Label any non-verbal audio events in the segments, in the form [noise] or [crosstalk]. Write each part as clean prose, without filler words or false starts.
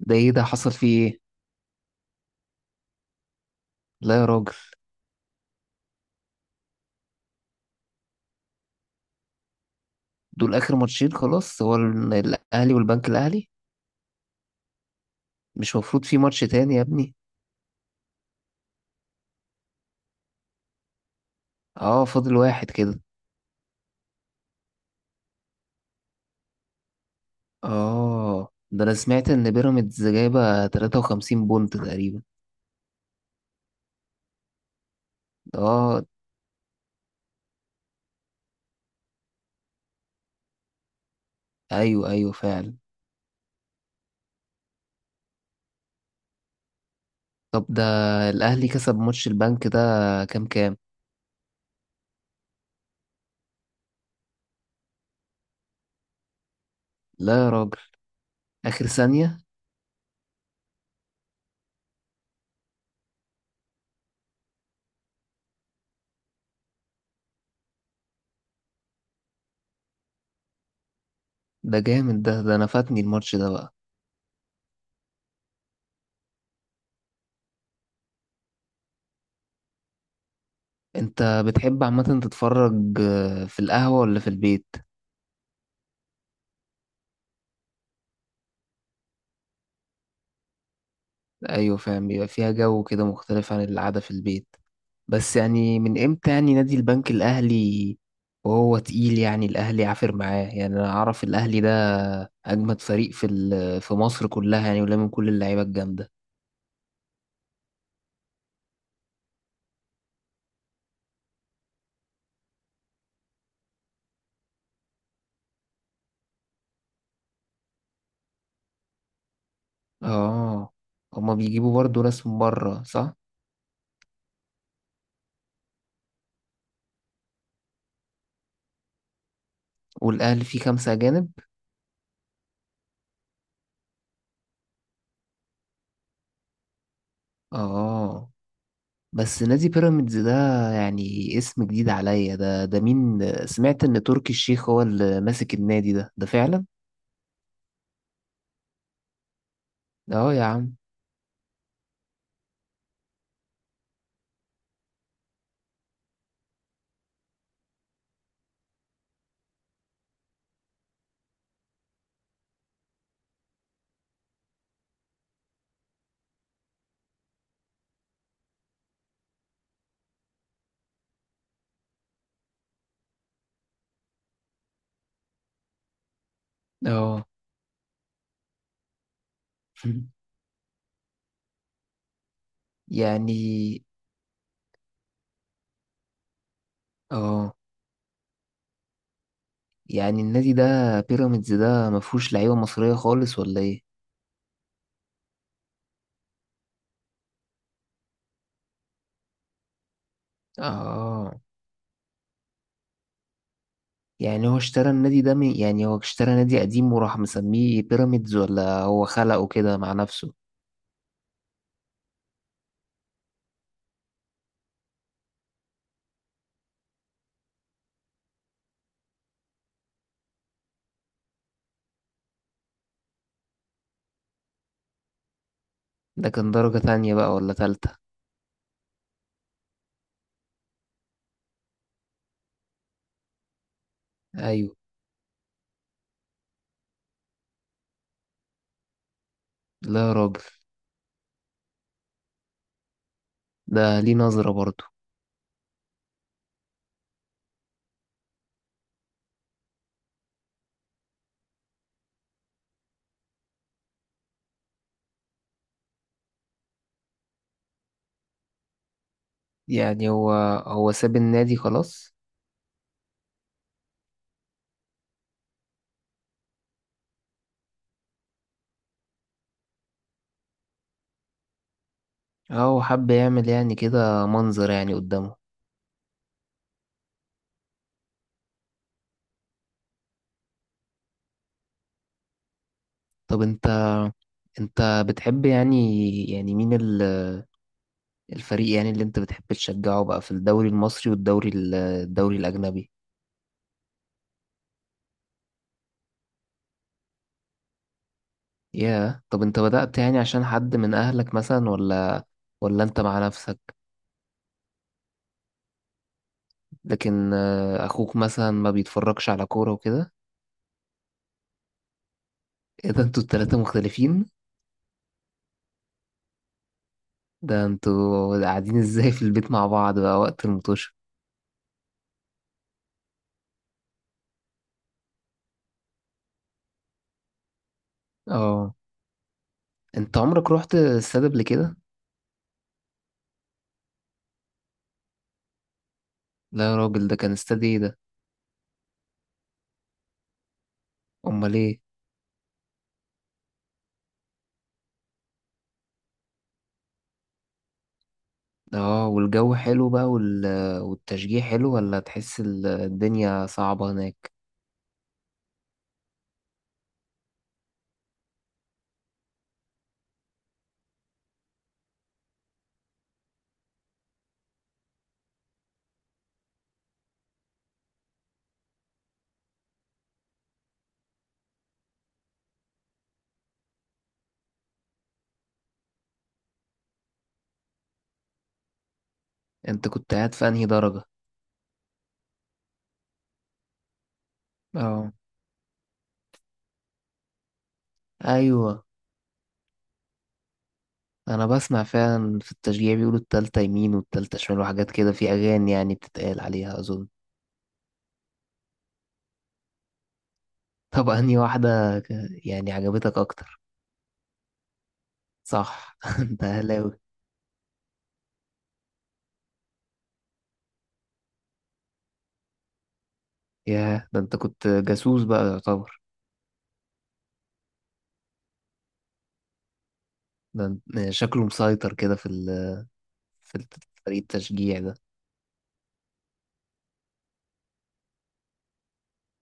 ده ايه ده حصل فيه ايه؟ لا يا راجل. دول اخر ماتشين خلاص، هو الاهلي والبنك الاهلي؟ مش مفروض في ماتش تاني يا ابني؟ اه، فاضل واحد كده. اه، ده انا سمعت ان بيراميدز جايبه 53 بونت تقريبا. اه، ايوه ايوه فعلا. طب ده، الاهلي كسب ماتش البنك ده؟ كام كام؟ لا يا راجل، اخر ثانية؟ ده جامد ده انا فاتني الماتش ده بقى. انت بتحب عامة تتفرج في القهوة ولا في البيت؟ ايوه فاهم، بيبقى فيها جو كده مختلف عن القعده في البيت. بس يعني من امتى يعني نادي البنك الاهلي وهو تقيل؟ يعني الاهلي عافر معاه، يعني انا اعرف الاهلي ده اجمد فريق في في مصر كلها يعني، ولا من كل اللعيبه الجامده. اه، هما بيجيبوا برضو ناس من بره، صح؟ والاهلي فيه خمسه اجانب؟ اه، بس نادي بيراميدز ده يعني اسم جديد عليا، ده ده مين؟ سمعت ان تركي الشيخ هو اللي ماسك النادي ده، ده فعلا؟ اه يا عم. اه. [laughs] يعني اه يعني النادي ده بيراميدز ده مفهوش لعيبة مصرية خالص ولا ايه؟ اه، يعني هو اشترى النادي ده من، يعني هو اشترى نادي قديم وراح مسميه بيراميدز، ولا هو خلقه كده مع نفسه؟ ده كان درجة تانية بقى ولا تالتة؟ ايوه. لا يا راجل، ده ليه نظرة برضه. يعني هو ساب النادي خلاص؟ اه، هو حب يعمل يعني كده منظر يعني قدامه. طب انت بتحب يعني، يعني مين الفريق يعني اللي انت بتحب تشجعه بقى في الدوري المصري والدوري الدوري الأجنبي؟ ياه، طب انت بدأت يعني عشان حد من أهلك مثلا، ولا انت مع نفسك؟ لكن أخوك مثلا ما بيتفرجش على كورة وكده؟ ايه ده، انتوا التلاتة مختلفين؟ ده انتوا قاعدين ازاي في البيت مع بعض بقى وقت المطوشة؟ اه، انت عمرك رحت استاد قبل كده؟ لا يا راجل، ده كان استاد ايه ده؟ امال ايه؟ اه، والجو حلو بقى والتشجيع حلو، ولا تحس الدنيا صعبة هناك؟ انت كنت قاعد في انهي درجة؟ اه. ايوه. انا بسمع فعلا في التشجيع بيقولوا التالتة يمين والتالتة شمال وحاجات كده في اغاني يعني بتتقال عليها اظن. طب انهي واحدة، ك- يعني عجبتك اكتر؟ صح. [laughs] انت اهلاوي. ياه، ده انت كنت جاسوس بقى يعتبر. ده شكله مسيطر كده في في فريق التشجيع ده.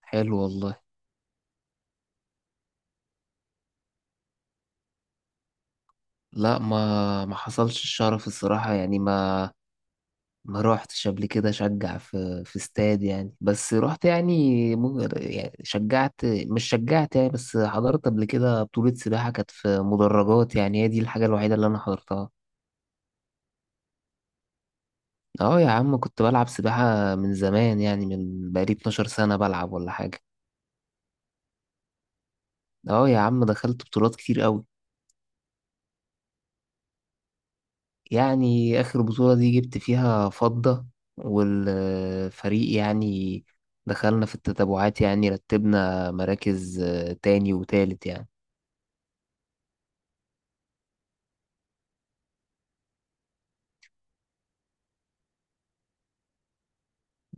حلو والله. لا، ما حصلش الشرف الصراحة يعني، ما روحتش قبل كده اشجع في استاد يعني، بس رحت يعني يعني شجعت مش شجعت يعني، بس حضرت قبل كده بطولة سباحة كانت في مدرجات، يعني هي دي الحاجة الوحيدة اللي انا حضرتها. اه يا عم، كنت بلعب سباحة من زمان، يعني من بقالي 12 سنة بلعب ولا حاجة. اه يا عم، دخلت بطولات كتير قوي. يعني اخر بطولة دي جبت فيها فضة، والفريق يعني دخلنا في التتابعات، يعني رتبنا مراكز تاني وتالت يعني.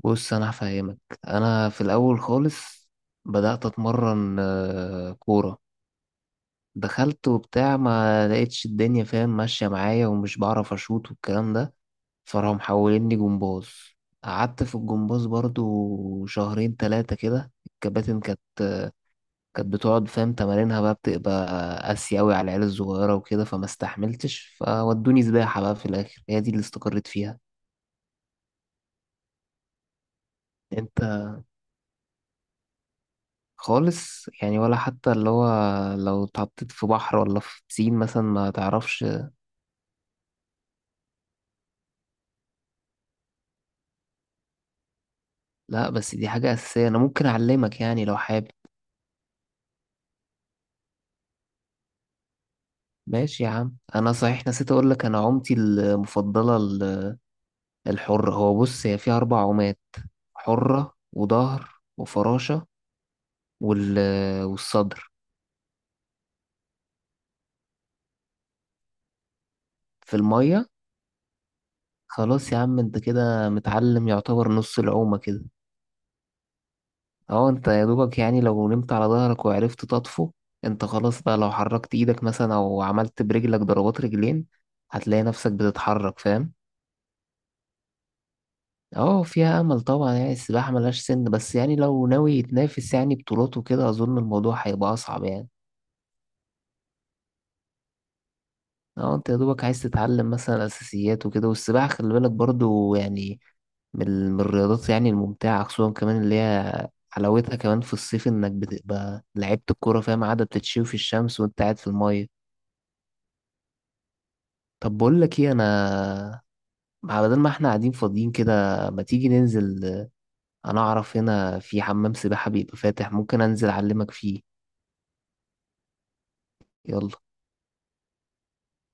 بص انا هفهمك، انا في الاول خالص بدأت اتمرن كورة، دخلت وبتاع، ما لقيتش الدنيا فاهم ماشية معايا ومش بعرف اشوط والكلام ده. فراحوا محوليني جمباز، قعدت في الجمباز برضو شهرين تلاتة كده، الكباتن كانت بتقعد فاهم تمارينها بقى، بتبقى قاسية أوي على العيال الصغيرة وكده، فما استحملتش، فودوني سباحة بقى في الآخر، هي دي اللي استقريت فيها. انت خالص يعني، ولا حتى اللي هو لو اتحطيت في بحر ولا في بسين مثلا ما تعرفش؟ لا بس دي حاجة أساسية، أنا ممكن أعلمك يعني لو حابب. ماشي يا عم، أنا صحيح نسيت أقول لك، أنا عومتي المفضلة الحرة هو بص هي فيها أربع عومات: حرة وظهر وفراشة وال... والصدر. في المية. خلاص يا عم، أنت كده متعلم يعتبر نص العومة كده. اه، انت يا دوبك يعني لو نمت على ظهرك وعرفت تطفو، انت خلاص بقى، لو حركت ايدك مثلا او عملت برجلك ضربات رجلين هتلاقي نفسك بتتحرك فاهم. اه فيها امل طبعا، يعني السباحة ملهاش سن، بس يعني لو ناوي يتنافس يعني بطولات وكده اظن الموضوع هيبقى اصعب يعني. اه، انت يا دوبك عايز تتعلم مثلا اساسيات وكده، والسباحة خلي بالك برضو يعني من الرياضات يعني الممتعة، خصوصا كمان اللي هي حلاوتها كمان في الصيف انك بتبقى لعيبة الكورة فاهم، قاعدة بتتشوي في الشمس وانت قاعد في المية. طب بقول لك ايه، انا بدل ما احنا قاعدين فاضيين كده، ما تيجي ننزل، انا اعرف هنا في حمام سباحة بيبقى فاتح، ممكن انزل اعلمك فيه. يلا.